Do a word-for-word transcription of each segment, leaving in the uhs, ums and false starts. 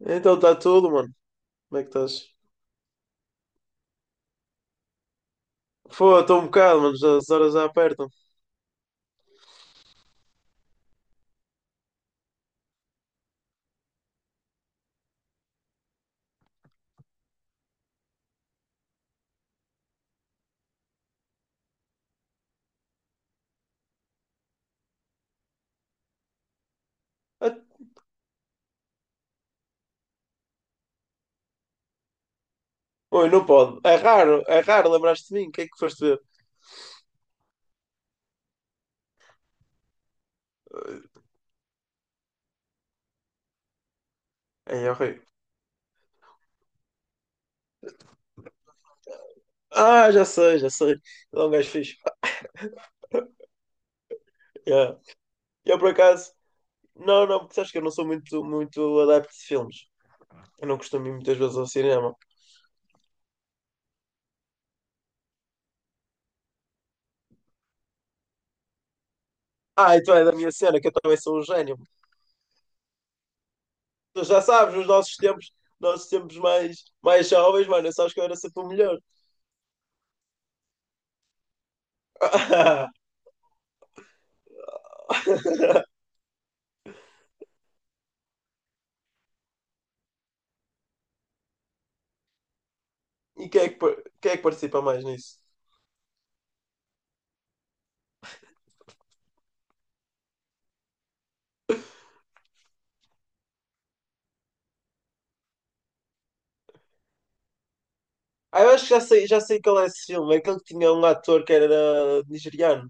Então está tudo, mano. Como é que estás? Foi, estou um bocado, mano. Já- as horas já apertam. Ah, oi, não pode. É raro, é raro. Lembraste de mim? O que é que foste ver? Ah, é horrível. Ah, já sei, já sei. Ele é um gajo fixe. Yeah. Eu, por acaso, não, não, porque sabes que eu não sou muito, muito adepto de filmes. Eu não costumo ir muitas vezes ao cinema. Ah, então é da minha cena, que eu também sou um gênio. Tu já sabes, nos nossos tempos, nossos tempos mais, mais jovens, mano, sabes que eu era sempre o melhor. E quem é que, par- quem é que participa mais nisso? Ah, eu acho que já sei, já sei qual é esse filme. É aquele que tinha um ator que era nigeriano.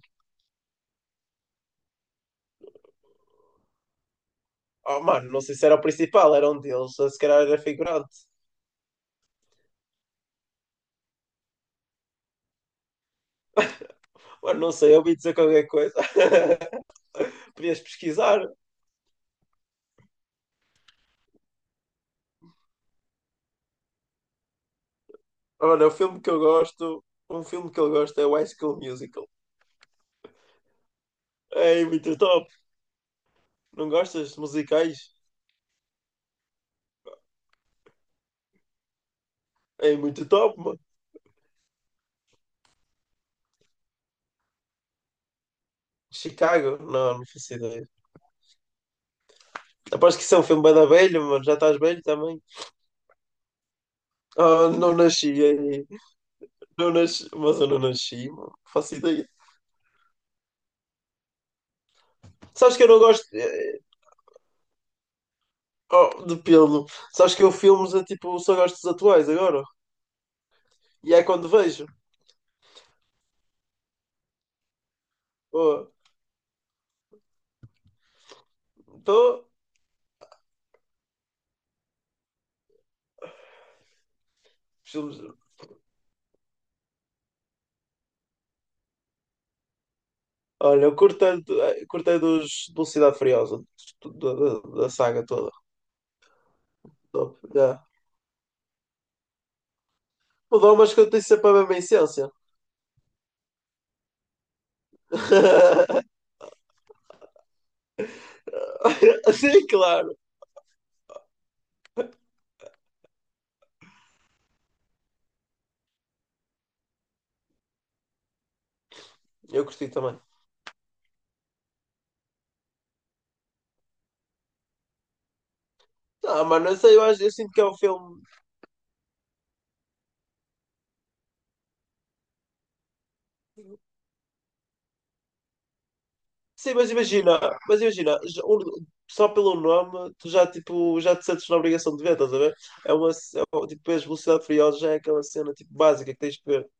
Oh, mano, não sei se era o principal, era um deles. Ou se calhar era figurante. Mano, não sei, eu ouvi dizer qualquer coisa. Podias pesquisar. Ah, mano, o filme que eu gosto, um filme que eu gosto é o High School Musical. É muito top. Não gostas de musicais? É muito top, mano. Chicago? Não, não faço ideia. Aposto que isso é um filme bem da velha, mano. Já estás velho também. Ah, não nasci aí. Não nasci, mas eu não nasci, mano. Faço ideia. Sabes que eu não gosto eh, oh, de pelo. Sabes que eu filmes a tipo, só gosto dos atuais agora. E é quando vejo. Oh, tô- filmes. Olha, eu curtei, eh, curtei dos Velocidade Furiosa, da, da- da saga toda. Top, já. O Domas que eu tenho sempre a mesma essência. Sim, claro. Eu curti também. Ah, mano, não sei, eu acho, eu sinto que é um filme. Sim, mas imagina, mas imagina, já- um- só pelo nome, tu já, tipo, já te sentes na obrigação de ver, estás a ver? É uma, c- é, um- tipo, as Velocidade Furiosa já é aquela cena, tipo, básica que tens de ver.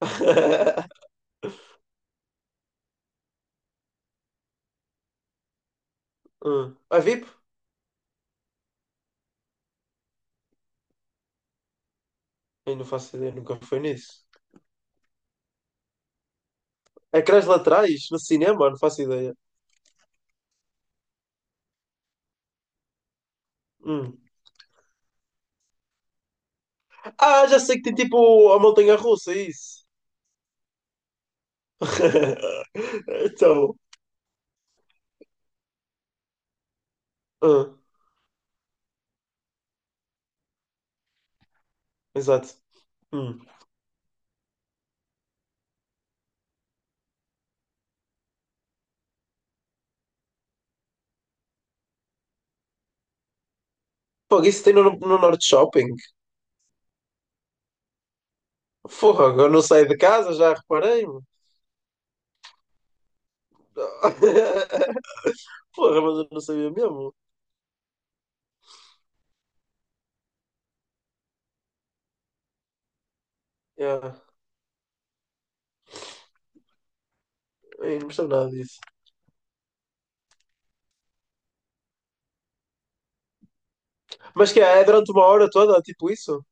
Hum. A V I P? Eu não faço ideia, nunca fui nisso. Ecrãs laterais? No cinema? Não faço ideia. Hum. Ah, já sei que tem, tipo, a montanha-russa, isso. Então, hum, exato. Hum. Pô, isso tem no, no Norte Shopping? Fogo, eu não saio de casa, já reparei-me. Porra, mas eu não sabia mesmo. Yeah. Ei, não me sabe nada disso. Mas que é? É durante uma hora toda, tipo isso?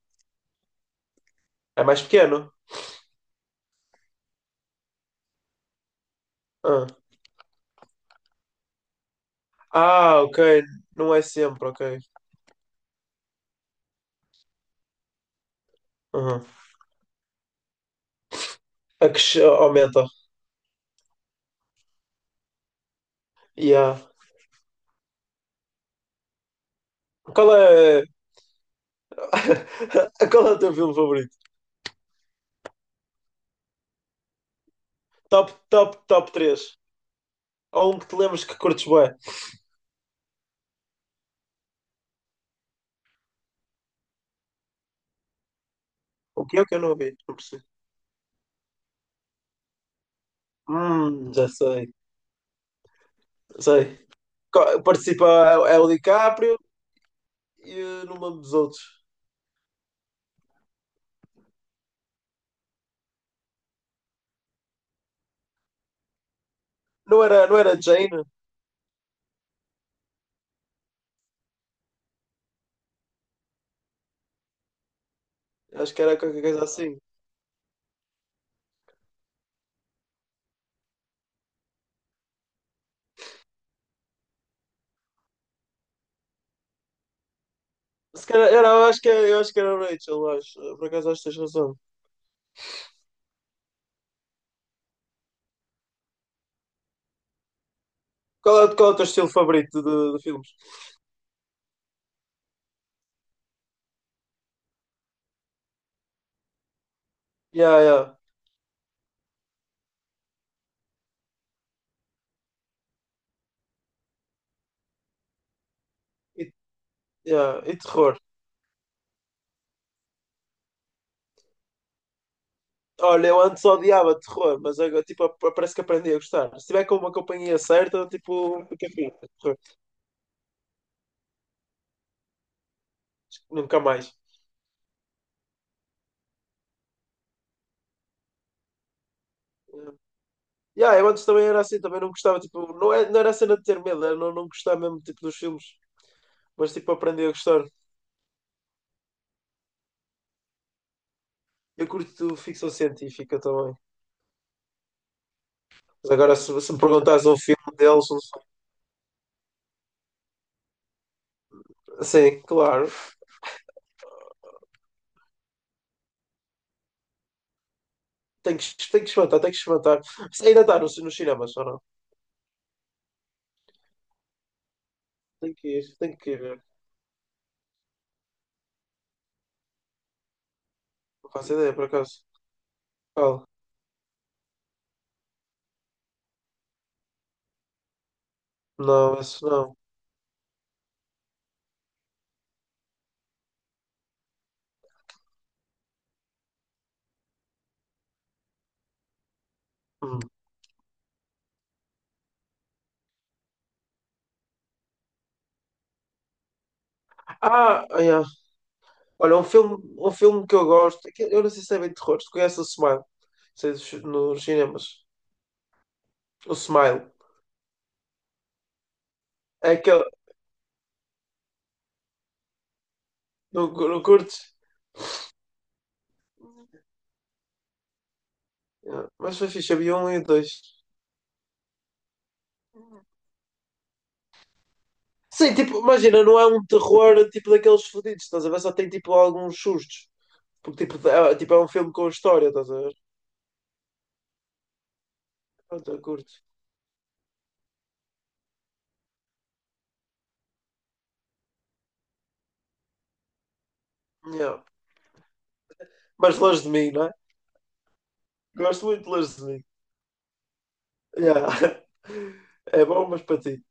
É mais pequeno? Ah, Ah, ok. Não é sempre, ok. Uhum. A que che- aumenta. Yeah. Qual é... Qual é o teu filme favorito? Top, top, top três. Ou um que te lembres que curtes bué. O que é que eu não vi? Não percebi. Hum, já sei. Sei. Co- Participa é o DiCaprio e eh, não me lembro dos outros. Não era, não era Jane? Acho que era qualquer coisa assim. Se calhar, era, eu acho que era, eu acho que era o Rachel, acho. Por acaso acho que tens razão. Qual é, qual é o teu estilo favorito de, de filmes? Yeah, yeah. E, yeah. E terror. Olha, eu antes odiava terror, mas agora tipo, ap- parece que aprendi a gostar. Se tiver com uma companhia certa, tipo, fica fixe. Terror. Nunca mais. Yeah, eu antes também era assim, também não gostava, tipo, não, é, não era a cena de ter medo, era não, não gostar mesmo tipo, dos filmes, mas tipo, aprendi a gostar. Eu curto ficção científica também. Mas agora se, se me perguntares um filme deles, um- sim, claro. Tenho que, tenho que experimentar, tenho que experimentar. Isso ainda está no nos cinemas, ou não? Tenho que ir, tenho que ir ver. Não faço ideia, por acaso. Qual? Não, esse não. Hum. Ah, ah, yeah. Olha, um filme, um filme que eu gosto. É que eu não sei se é bem terror. Tu conheces o Smile? Sei dos- nos cinemas. O Smile. É aquele. Não, cu- não curtes? Yeah. Mas foi fixe, havia um e dois. Sim, tipo, imagina, não é um terror tipo daqueles fodidos, estás a ver? Só tem tipo alguns sustos. Porque tipo, é, tipo, é um filme com história, estás a ver? Pronto, eu curto. Yeah. Mas longe de mim, não é? Gosto muito de longe de mim. Yeah. É bom, mas para ti.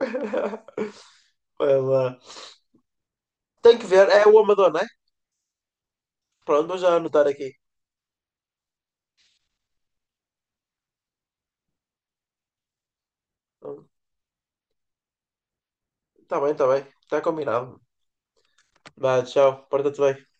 Vai lá. Tem que ver, é o Amador, não é? Pronto, vou já anotar aqui. Está bem, está bem. Está combinado. Vá, tchau. Porta-te bem.